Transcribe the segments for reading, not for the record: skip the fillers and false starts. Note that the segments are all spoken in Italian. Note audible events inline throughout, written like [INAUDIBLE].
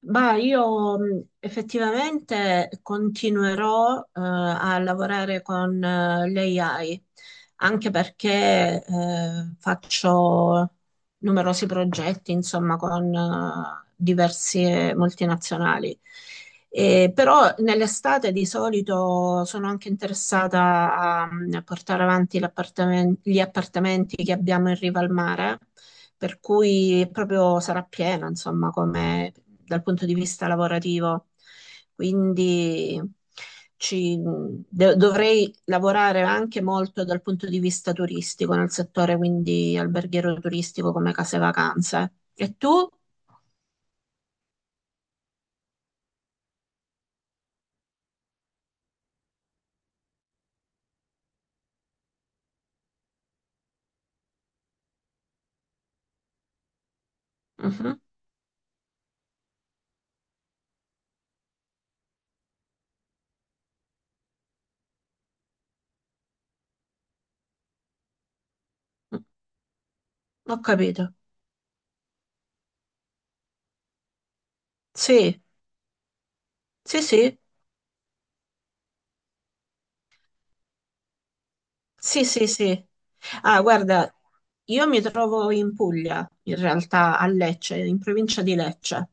Bah, io effettivamente continuerò a lavorare con l'AI, anche perché faccio numerosi progetti, insomma, con diverse multinazionali. Però nell'estate di solito sono anche interessata a portare avanti gli appartamenti che abbiamo in riva al mare, per cui proprio sarà piena, insomma, come dal punto di vista lavorativo. Quindi ci- dovrei lavorare anche molto dal punto di vista turistico, nel settore quindi alberghiero turistico come case vacanze. E tu? Mhm. Ho capito. Sì, sì, sì. Sì, sì, sì. Ah, guarda, io mi trovo in Puglia, in realtà a Lecce, in provincia di Lecce.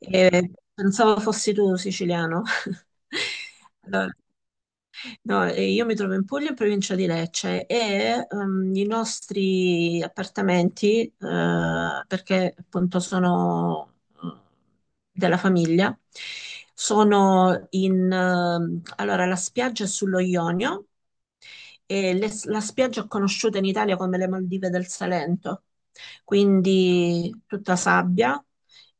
E pensavo fossi tu siciliano. [LAUGHS] Allora, no, e io mi trovo in Puglia, in provincia di Lecce, e i nostri appartamenti, perché appunto sono eh, della famiglia, sono in... allora, la spiaggia è sullo Ionio, e la spiaggia è conosciuta in Italia come le Maldive del Salento, quindi tutta sabbia,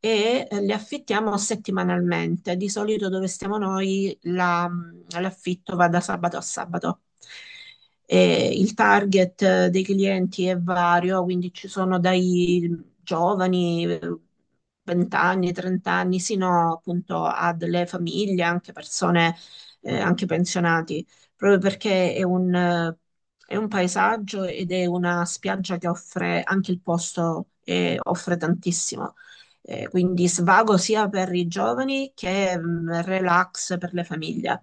e le affittiamo settimanalmente. Di solito dove stiamo noi l'affitto va da sabato a sabato. E il target dei clienti è vario, quindi ci sono dai giovani, 20 anni, 30 anni, sino appunto a delle famiglie, anche persone, anche pensionati, proprio perché è un, è un paesaggio ed è una spiaggia che offre anche il posto e offre tantissimo. Quindi svago sia per i giovani che relax per le famiglie.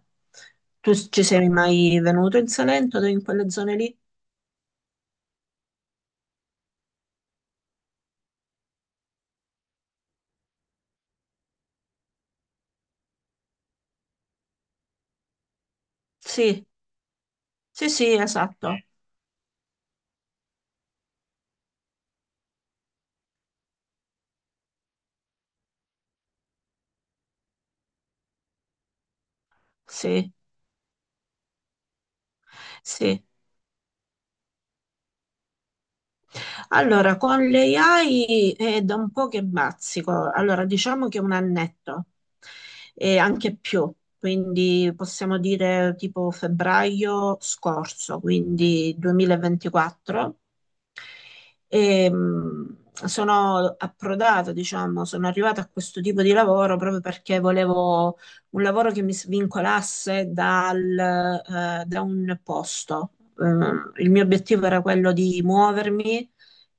Ci sei mai venuto in Salento, o in quelle zone lì? Sì, sì, sì, esatto. Sì, sì. Allora, con le AI è da un po' che bazzico. Allora, diciamo che un annetto e anche più. Quindi possiamo dire tipo febbraio scorso, quindi 2024. E, mh, Sono approdato, diciamo, sono arrivata a questo tipo di lavoro proprio perché volevo un lavoro che mi svincolasse dal, da un posto. Il mio obiettivo era quello di muovermi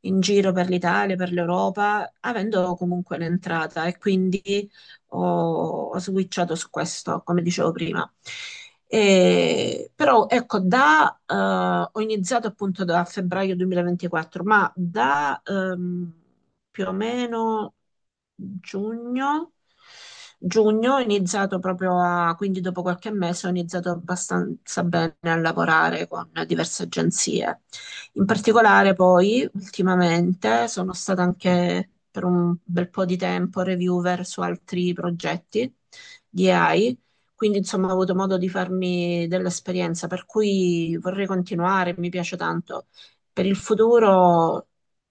in giro per l'Italia, per l'Europa, avendo comunque un'entrata e quindi ho switchato su questo, come dicevo prima. Però ecco, ho iniziato appunto da febbraio 2024, ma da più o meno giugno, giugno ho iniziato proprio a, quindi dopo qualche mese ho iniziato abbastanza bene a lavorare con diverse agenzie. In particolare poi ultimamente sono stata anche per un bel po' di tempo reviewer su altri progetti di AI, quindi, insomma, ho avuto modo di farmi dell'esperienza, per cui vorrei continuare, mi piace tanto. Per il futuro,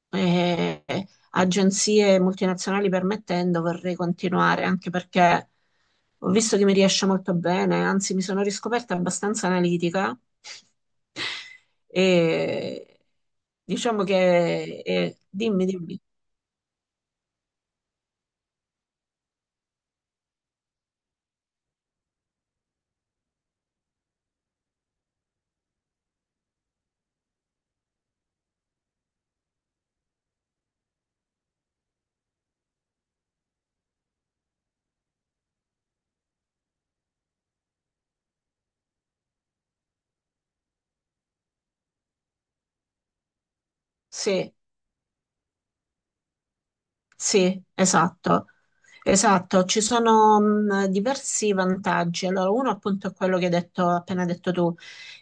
eh, agenzie multinazionali permettendo, vorrei continuare, anche perché ho visto che mi riesce molto bene, anzi, mi sono riscoperta abbastanza analitica [LAUGHS] e diciamo che... dimmi, dimmi. Sì. Sì, esatto. Esatto, ci sono diversi vantaggi. Allora, uno appunto è quello che hai detto, appena detto tu.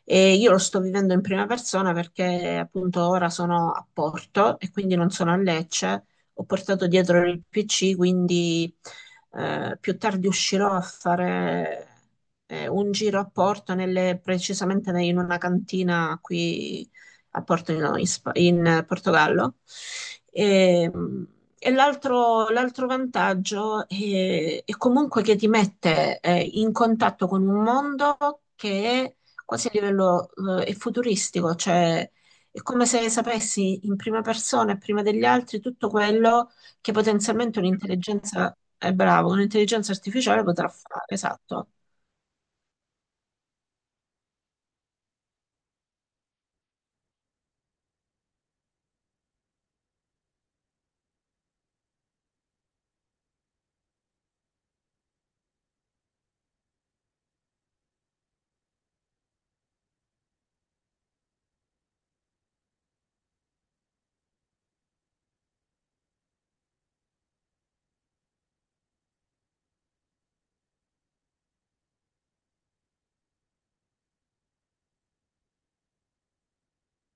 E io lo sto vivendo in prima persona perché appunto ora sono a Porto e quindi non sono a Lecce. Ho portato dietro il PC, quindi più tardi uscirò a fare un giro a Porto, precisamente in una cantina qui a Porto in in Portogallo. E, e l'altro vantaggio è comunque che ti mette in contatto con un mondo che è quasi a livello è futuristico, cioè è come se sapessi in prima persona e prima degli altri tutto quello che potenzialmente un'intelligenza è bravo, un'intelligenza artificiale potrà fare, esatto.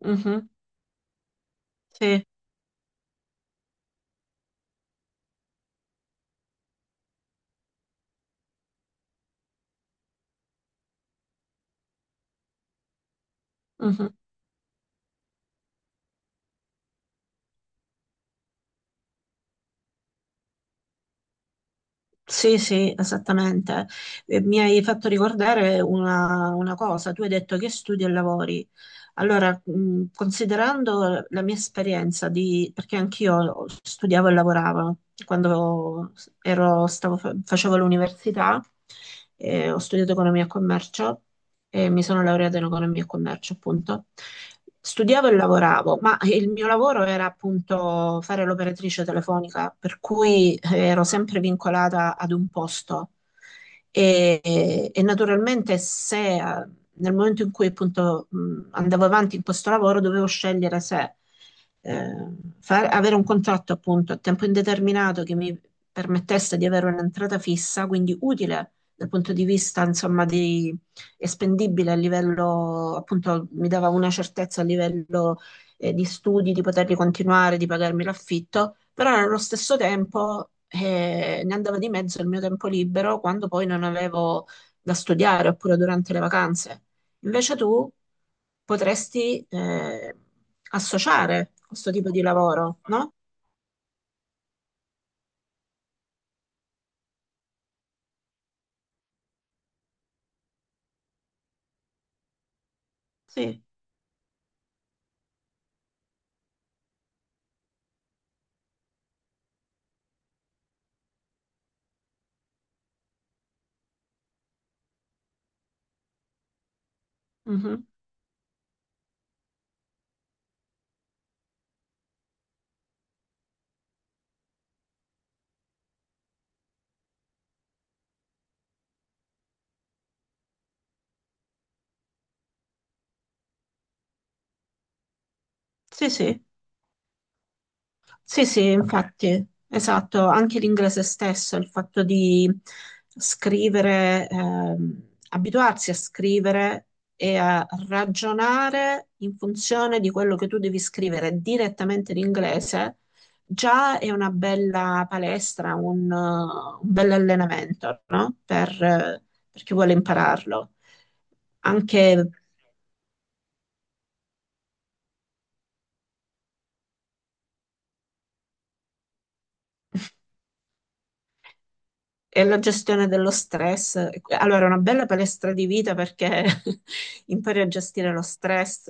Mhm. Sì. Mhm. Sì, sì, esattamente. Mi hai fatto ricordare una cosa, tu hai detto che studi e lavori. Allora, considerando la mia esperienza di, perché anch'io studiavo e lavoravo quando facevo l'università, ho studiato economia e commercio e mi sono laureata in economia e commercio, appunto. Studiavo e lavoravo, ma il mio lavoro era appunto fare l'operatrice telefonica, per cui ero sempre vincolata ad un posto. E, e naturalmente se nel momento in cui appunto andavo avanti in questo lavoro dovevo scegliere se eh, avere un contratto appunto a tempo indeterminato che mi permettesse di avere un'entrata fissa, quindi utile dal punto di vista insomma di e spendibile a livello, appunto, mi dava una certezza a livello di studi, di poterli continuare, di pagarmi l'affitto, però allo stesso tempo ne andava di mezzo il mio tempo libero quando poi non avevo da studiare oppure durante le vacanze. Invece tu potresti associare questo tipo di lavoro, no? Sì. Mhm. Sì, sì. Sì, sì, infatti, esatto, anche l'inglese stesso, il fatto di scrivere, abituarsi a scrivere e a ragionare in funzione di quello che tu devi scrivere direttamente in inglese, già è una bella palestra, un bel allenamento, no? Per chi vuole impararlo. Anche e la gestione dello stress. Allora, è una bella palestra di vita perché [LAUGHS] impari a gestire lo stress.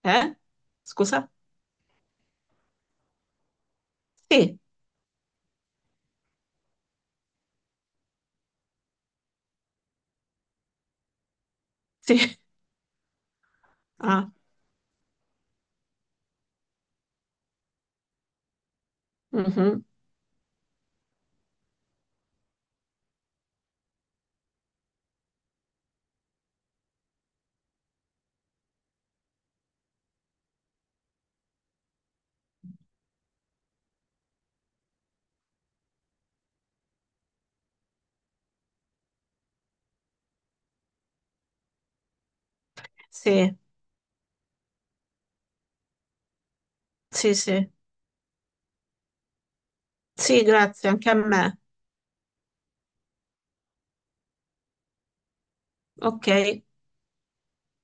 Eh? Scusa? Sì, sì. Ah, mhm. Sì, sì, sì. Sì, grazie, anche a me. Ok.